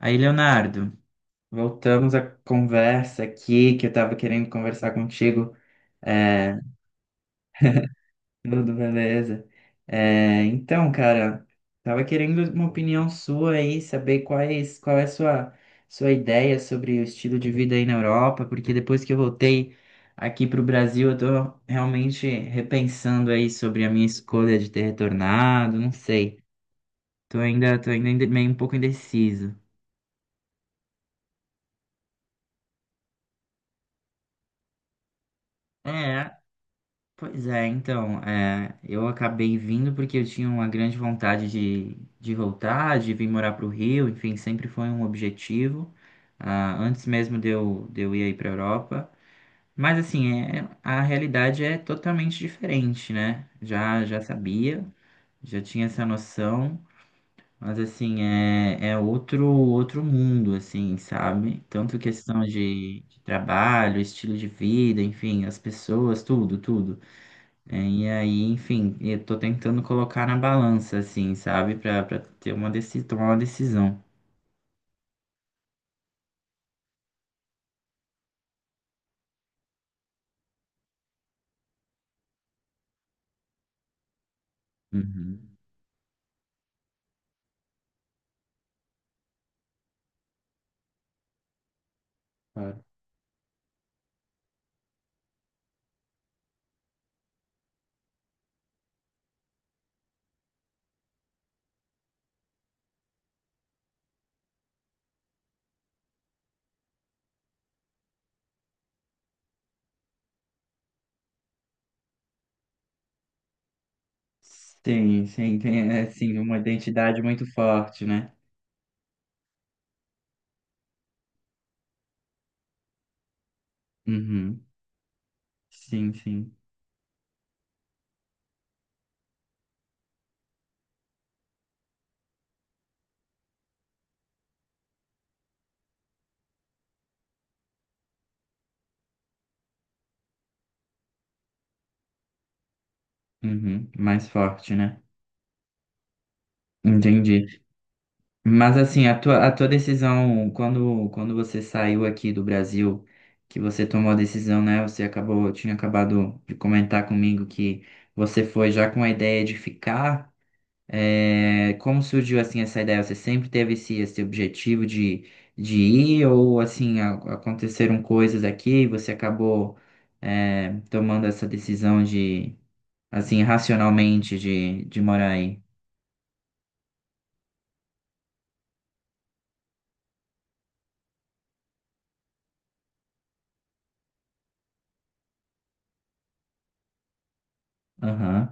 Aí, Leonardo, voltamos à conversa aqui que eu estava querendo conversar contigo. É, tudo beleza? É, então, cara, tava querendo uma opinião sua aí, saber qual é a sua ideia sobre o estilo de vida aí na Europa, porque depois que eu voltei aqui para o Brasil, eu tô realmente repensando aí sobre a minha escolha de ter retornado, não sei. Tô ainda meio um pouco indeciso. É, pois é, então, é, eu acabei vindo porque eu tinha uma grande vontade de voltar, de vir morar para o Rio, enfim, sempre foi um objetivo, ah, antes mesmo de eu ir aí para a Europa. Mas, assim, é, a realidade é totalmente diferente, né? Já sabia, já tinha essa noção, mas, assim, é outro mundo, assim, sabe? Tanto questão de trabalho, estilo de vida, enfim, as pessoas, tudo, tudo. É, e aí, enfim, eu tô tentando colocar na balança, assim, sabe? Pra ter uma deci tomar uma decisão. Uhum. Claro. Sim, sim, tem, é, assim, uma identidade muito forte, né? Uhum. Sim, sim. Uhum. Mais forte, né? Entendi. Mas, assim, a tua decisão, quando você saiu aqui do Brasil, que você tomou a decisão, né? Você tinha acabado de comentar comigo que você foi já com a ideia de ficar. É, como surgiu assim essa ideia? Você sempre teve esse objetivo de ir ou assim aconteceram coisas aqui e você acabou é, tomando essa decisão de assim racionalmente de morar aí? Aham,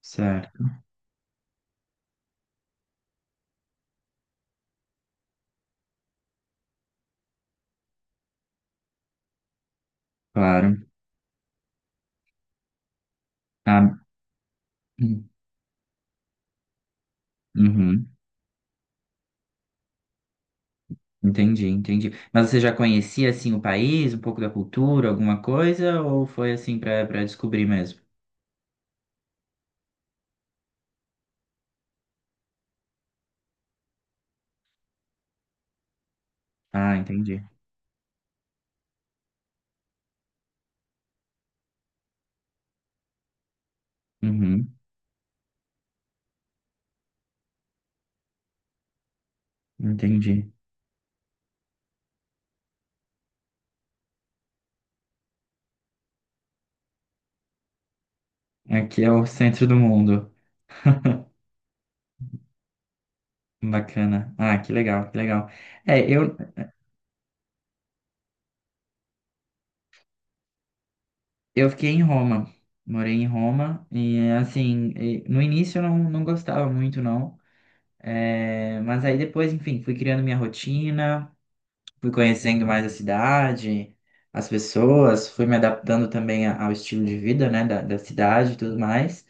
certo, claro. Ah, hum, uhum, entendi, entendi. Mas você já conhecia assim o país, um pouco da cultura, alguma coisa ou foi assim para descobrir mesmo? Ah, entendi. Uhum, entendi. Aqui é o centro do mundo. Bacana. Ah, que legal, que legal. É, eu fiquei em Roma. Morei em Roma e, assim, e no início eu não gostava muito, não. É, mas aí depois, enfim, fui criando minha rotina. Fui conhecendo mais a cidade, as pessoas, fui me adaptando também ao estilo de vida, né, da cidade e tudo mais.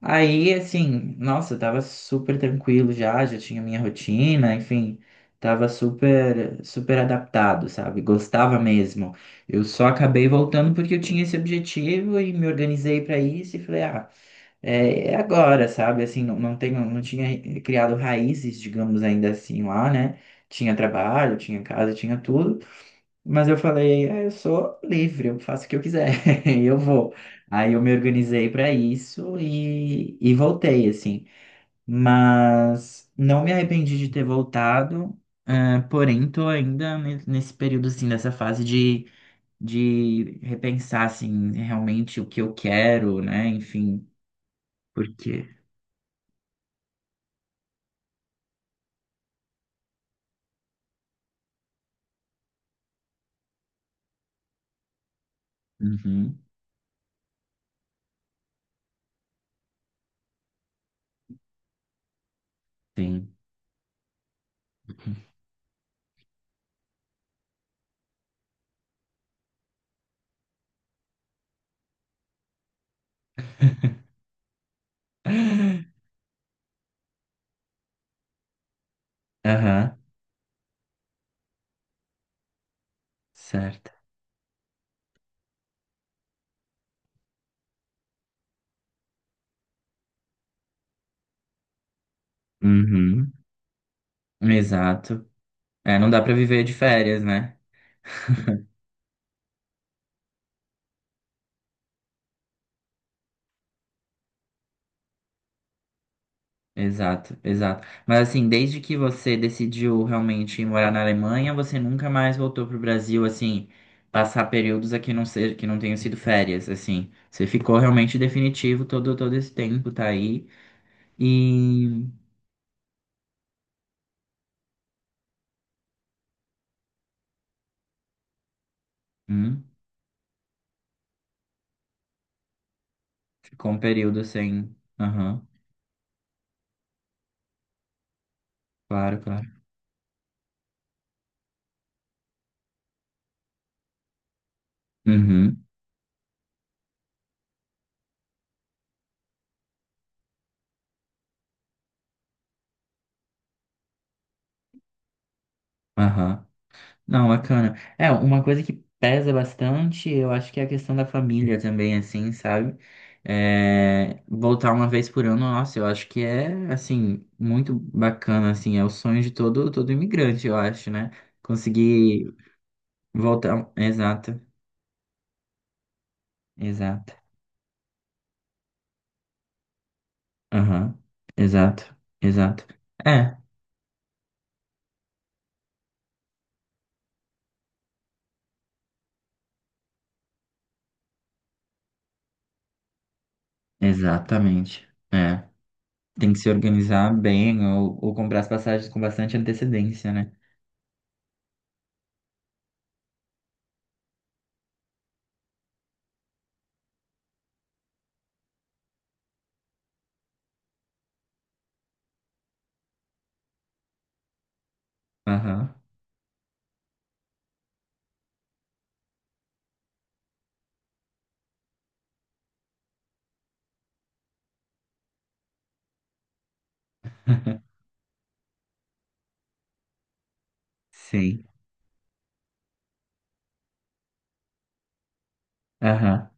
Aí, assim, nossa, eu tava super tranquilo já tinha minha rotina, enfim, tava super, super adaptado, sabe? Gostava mesmo. Eu só acabei voltando porque eu tinha esse objetivo e me organizei para isso e falei, ah, é agora, sabe? Assim, não, não tinha criado raízes, digamos ainda assim, lá, né? Tinha trabalho, tinha casa, tinha tudo, mas eu falei, "É, eu sou livre, eu faço o que eu quiser, e eu vou. Aí eu me organizei para isso e voltei, assim. Mas não me arrependi de ter voltado, ah, porém, tô ainda nesse período, assim, dessa fase de repensar, assim, realmente o que eu quero, né? Enfim, porque. Sim. Aham, certo. Uhum, exato. É, não dá pra viver de férias, né? Exato, exato. Mas assim, desde que você decidiu realmente ir morar na Alemanha, você nunca mais voltou pro Brasil, assim, passar períodos aqui que não tenham sido férias, assim. Você ficou realmente definitivo todo esse tempo, tá aí. E hum, ficou um período sem. Aham, claro, claro. Uhum, aham. Não, bacana. É, uma coisa que pesa bastante, eu acho que é a questão da família também, assim, sabe? É, voltar uma vez por ano, nossa, eu acho que é, assim, muito bacana, assim, é o sonho de todo imigrante, eu acho, né? Conseguir voltar. Exato, exato. Aham, exato, exato. É, exatamente. É, tem que se organizar bem ou comprar as passagens com bastante antecedência, né? Aham, sim. Aham.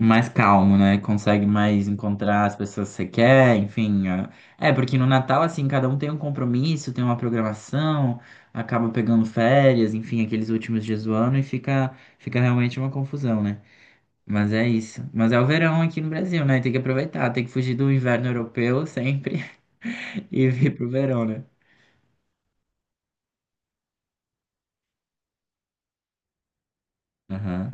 Mais calmo, né? Consegue mais encontrar as pessoas que você quer, enfim. É, porque no Natal, assim, cada um tem um compromisso, tem uma programação, acaba pegando férias, enfim, aqueles últimos dias do ano e fica realmente uma confusão, né? Mas é isso. Mas é o verão aqui no Brasil, né? Tem que aproveitar, tem que fugir do inverno europeu sempre e vir pro verão, né? Aham.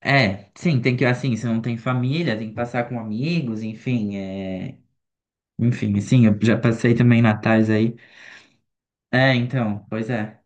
É, sim, tem que, assim, se não tem família, tem que passar com amigos, enfim, é. Enfim, sim, eu já passei também natais aí. É, então, pois é.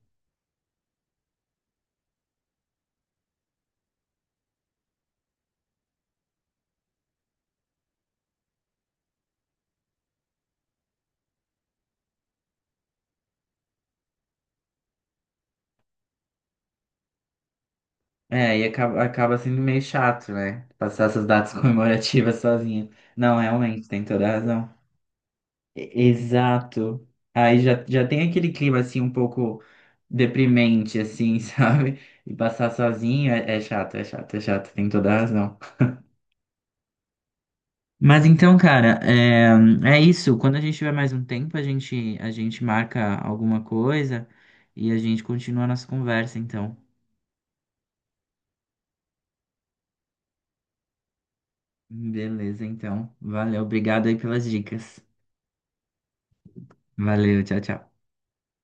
É, e acaba sendo meio chato, né? Passar essas datas comemorativas sozinha. Não, realmente, tem toda a razão. Exato. Aí já tem aquele clima, assim, um pouco deprimente, assim, sabe? E passar sozinho é chato, é chato, é chato, tem toda a razão. Mas então, cara, é isso. Quando a gente tiver mais um tempo, a gente marca alguma coisa e a gente continua a nossa conversa, então. Beleza, então. Valeu, obrigado aí pelas dicas. Valeu, tchau, tchau.